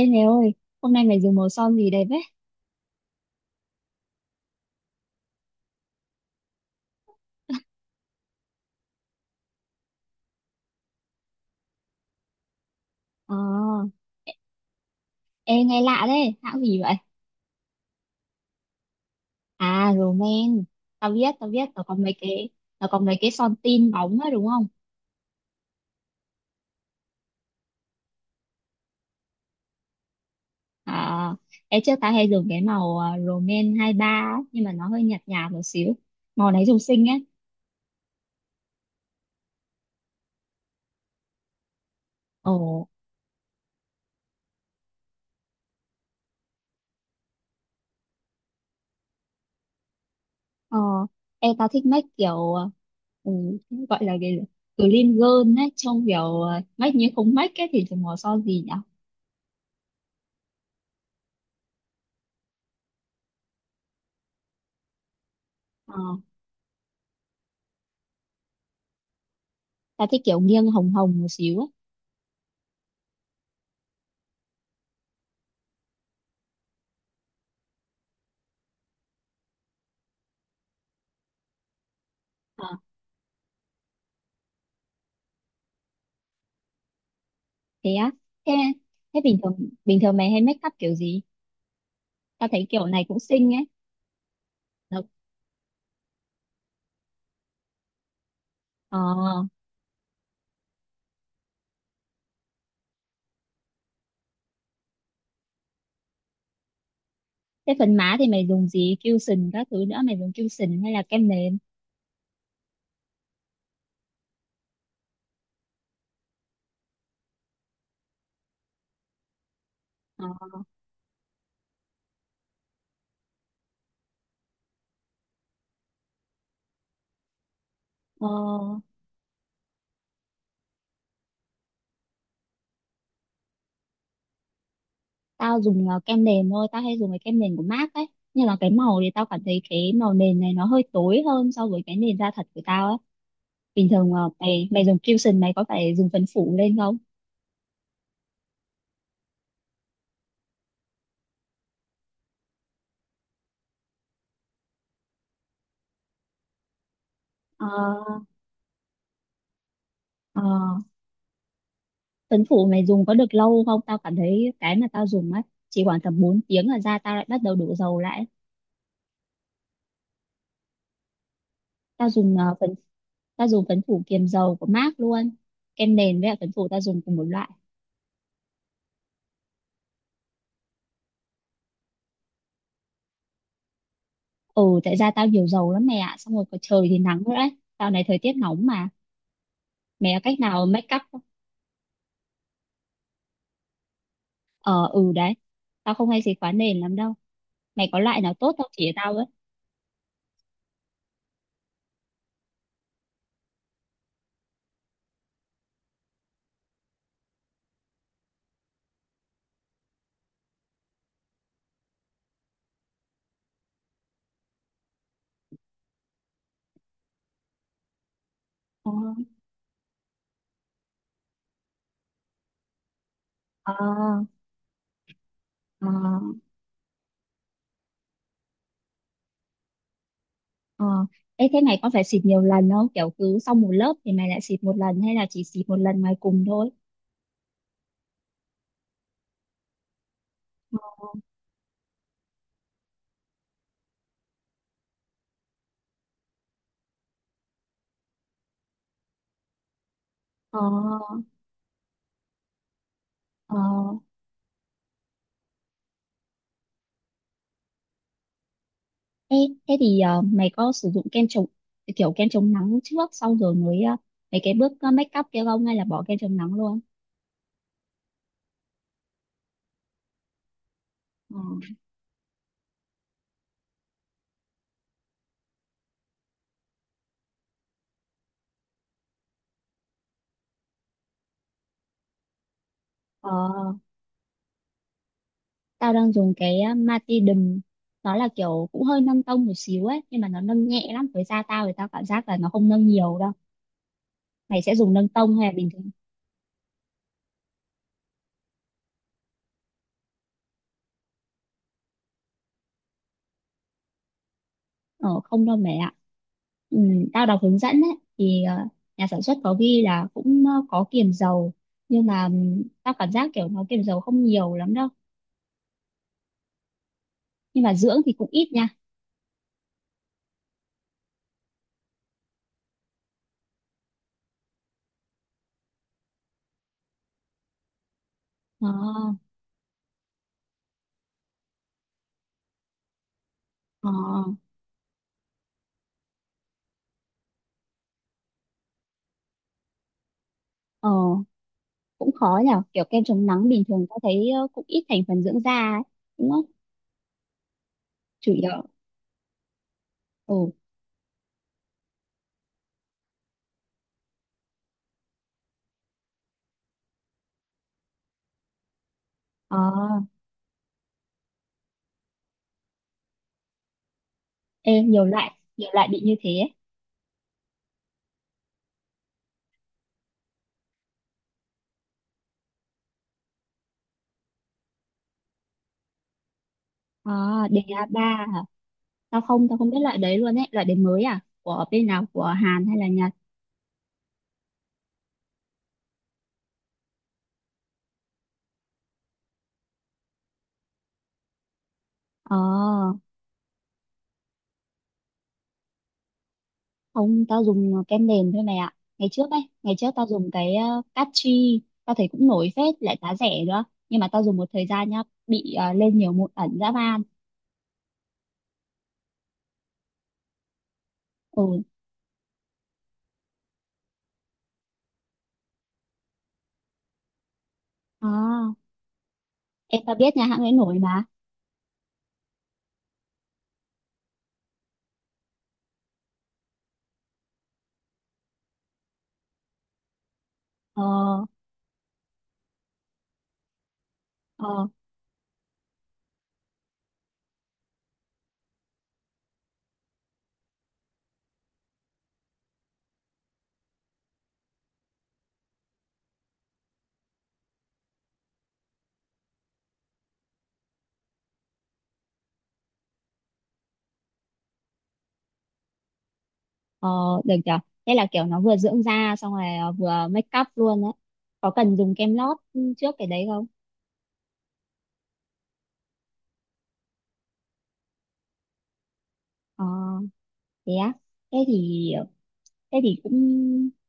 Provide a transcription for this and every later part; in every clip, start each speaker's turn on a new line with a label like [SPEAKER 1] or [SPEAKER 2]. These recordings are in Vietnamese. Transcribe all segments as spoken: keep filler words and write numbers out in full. [SPEAKER 1] Ê mày ơi, hôm nay mày dùng màu son gì đẹp đấy? Ờ, ê nghe lạ đấy, hãng gì vậy? À, roman, tao biết, tao biết, tao có mấy cái, tao có mấy cái son tin bóng á đúng không? À, ê trước tao hay dùng cái màu à, Roman hai ba á, nhưng mà nó hơi nhạt nhạt một xíu. Màu này dùng xinh ấy. Ồ, ờ, ê tao thích make kiểu, à, ừ, gọi là cái gì? Clean girl ấy, trông kiểu à, make như không make ấy thì dùng màu son gì nhỉ? Ờ, tao thích kiểu nghiêng hồng hồng một xíu ấy. Thế á? Thế thế bình thường bình thường mày hay make up kiểu gì? Tao thấy kiểu này cũng xinh ấy. Được. Ờ, thế phần má thì mày dùng gì, cushion các thứ nữa, mày dùng cushion hay là kem nền? Ờ, ờ, tao dùng ờ, kem nền thôi, tao hay dùng cái kem nền của em ây xê ấy, nhưng mà cái màu thì tao cảm thấy cái màu nền này nó hơi tối hơn so với cái nền da thật của tao ấy. Bình thường ờ, mày mày dùng cushion mày có phải dùng phấn phủ lên không? Ờ, ờ, Tuấn Phủ mày dùng có được lâu không? Tao cảm thấy cái mà tao dùng á chỉ khoảng tầm bốn tiếng là da tao lại bắt đầu đổ dầu lại. Tao dùng ờ, phấn tao dùng phấn phủ kiềm dầu của em ây xê luôn. Kem nền với lại phấn phủ tao dùng cùng một loại. Ừ, tại da tao nhiều dầu lắm mẹ ạ. Xong rồi có trời thì nắng nữa đấy. Dạo này thời tiết nóng mà. Mẹ có cách nào make up không? Ờ, ừ đấy. Tao không hay xịt khóa nền lắm đâu. Mày có loại nào tốt không, chỉ tao với. Ờ, ờ, ờ, ờ, ê thế này có phải xịt nhiều lần không? Kiểu cứ sau một lớp thì mày lại xịt một lần hay là chỉ xịt một lần ngoài cùng thôi? Ờ, ờ, ờ. Ê, thế thì ờ, mày có sử dụng kem chống, kiểu kem chống nắng trước xong rồi mới ờ, mấy cái bước ờ, make up kia không, hay là bỏ kem chống nắng luôn? Ờ, ờ, tao đang dùng cái ờ, Matidum, nó là kiểu cũng hơi nâng tông một xíu ấy, nhưng mà nó nâng nhẹ lắm, với da tao thì tao cảm giác là nó không nâng nhiều đâu. Mày sẽ dùng nâng tông hay là bình thường? Ờ, không đâu mẹ ạ. Ừ, tao đọc hướng dẫn ấy, thì ờ, nhà sản xuất có ghi là cũng ờ, có kiềm dầu, nhưng mà ừm, tao cảm giác kiểu nó kiềm dầu không nhiều lắm đâu, nhưng mà dưỡng thì cũng ít nha. Ờ, ờ, ờ, cũng khó nhở, kiểu kem chống nắng bình thường tao thấy ờ, cũng ít thành phần dưỡng da ấy, đúng không? Chủ yếu ừ, ờ, ê, nhiều loại, nhiều loại bị như thế ấy. Ờ, đề a ba hả? Tao không tao không biết loại đấy luôn ấy, loại đấy mới à, của bên nào, của Hàn hay là Nhật? Ờ, không, tao dùng ờ, kem nền thôi mày ạ. Ngày trước ấy, ngày trước tao dùng cái uh, Cachi, tao thấy cũng nổi phết, lại giá rẻ nữa. Nhưng mà tao dùng một thời gian nhá, bị ờ, lên nhiều mụn ẩn dã man. Ừ, à, em tao biết nhà hãng ấy nổi mà. Ờ, ờ, ờ, được chưa? Thế là kiểu nó vừa dưỡng da, xong rồi ờ, vừa make up luôn đấy. Có cần dùng kem lót trước cái đấy không? Ờ, thế á. Thế thì ờ, thế thì cũng,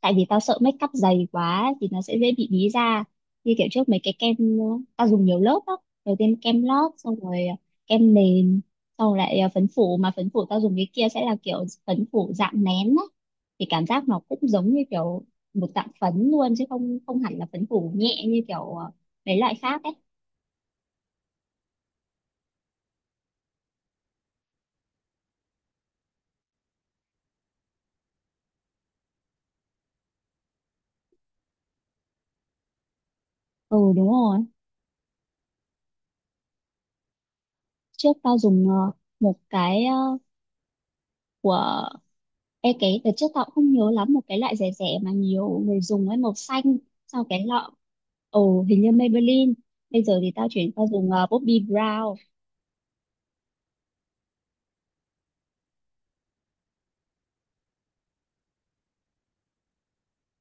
[SPEAKER 1] tại vì tao sợ make up dày quá thì nó sẽ dễ bị bí da, như kiểu trước mấy cái kem ờ, tao dùng nhiều lớp á, đầu tiên kem lót, xong rồi ờ, kem nền, xong rồi lại ờ, phấn phủ, mà phấn phủ tao dùng cái kia sẽ là kiểu phấn phủ dạng nén á, thì cảm giác nó cũng giống như kiểu một dạng phấn luôn, chứ không không hẳn là phấn phủ nhẹ như kiểu ờ, mấy loại khác ấy. Ừ đúng rồi, trước tao dùng ờ, một cái ờ, của ê, cái đợt trước tao cũng không nhớ lắm, một cái loại rẻ rẻ mà nhiều người dùng ấy, màu xanh, sau cái lọ. Ồ, hình như Maybelline. Bây giờ thì tao chuyển qua dùng uh, Bobbi Brown.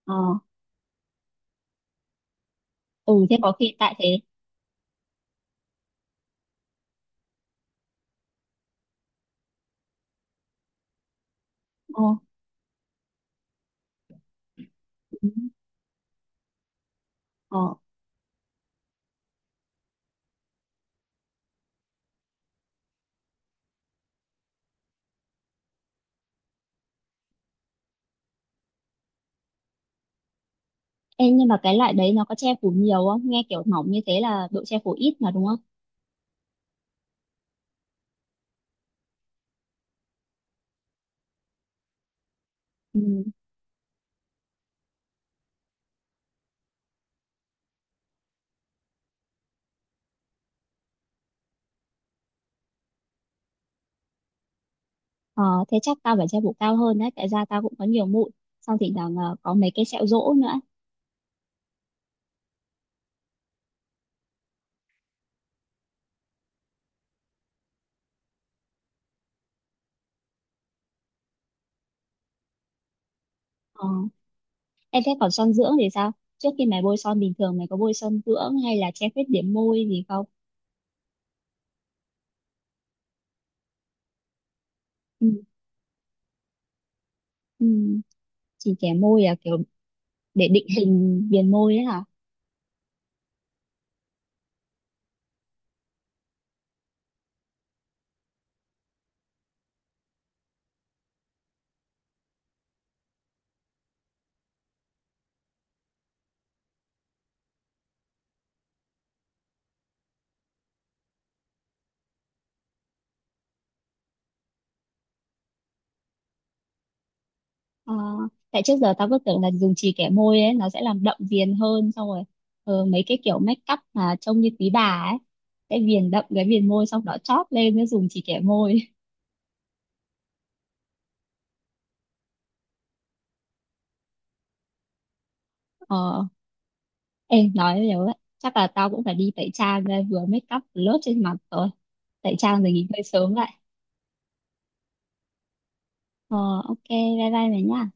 [SPEAKER 1] Ờ, ừ thế có khi tại thế. Ờ, ừ. Ờ, ê, nhưng mà cái loại đấy nó có che phủ nhiều không? Nghe kiểu mỏng như thế là độ che phủ ít mà, đúng không? Ừ. Ờ, thế chắc tao phải che phủ cao hơn đấy, tại da tao cũng có nhiều mụn, xong thì là có mấy cái sẹo rỗ nữa. Ờ. Em thấy còn son dưỡng thì sao? Trước khi mày bôi son bình thường, mày có bôi son dưỡng hay là che khuyết điểm môi gì không? Ừ. Ừ. Chỉ kẻ môi là kiểu để định hình viền môi ấy hả? Ờ, tại trước giờ tao cứ tưởng là dùng chì kẻ môi ấy nó sẽ làm đậm viền hơn, xong rồi ờ, mấy cái kiểu make up mà trông như quý bà ấy sẽ viền đậm cái viền môi, xong đó chóp lên mới dùng chì kẻ môi. Ờ, em nói nhiều ấy. Chắc là tao cũng phải đi tẩy trang đây, vừa make up vừa lót trên mặt rồi. Tẩy trang rồi nghỉ ngơi sớm lại. Ờ, ok, bye bye mày nhá.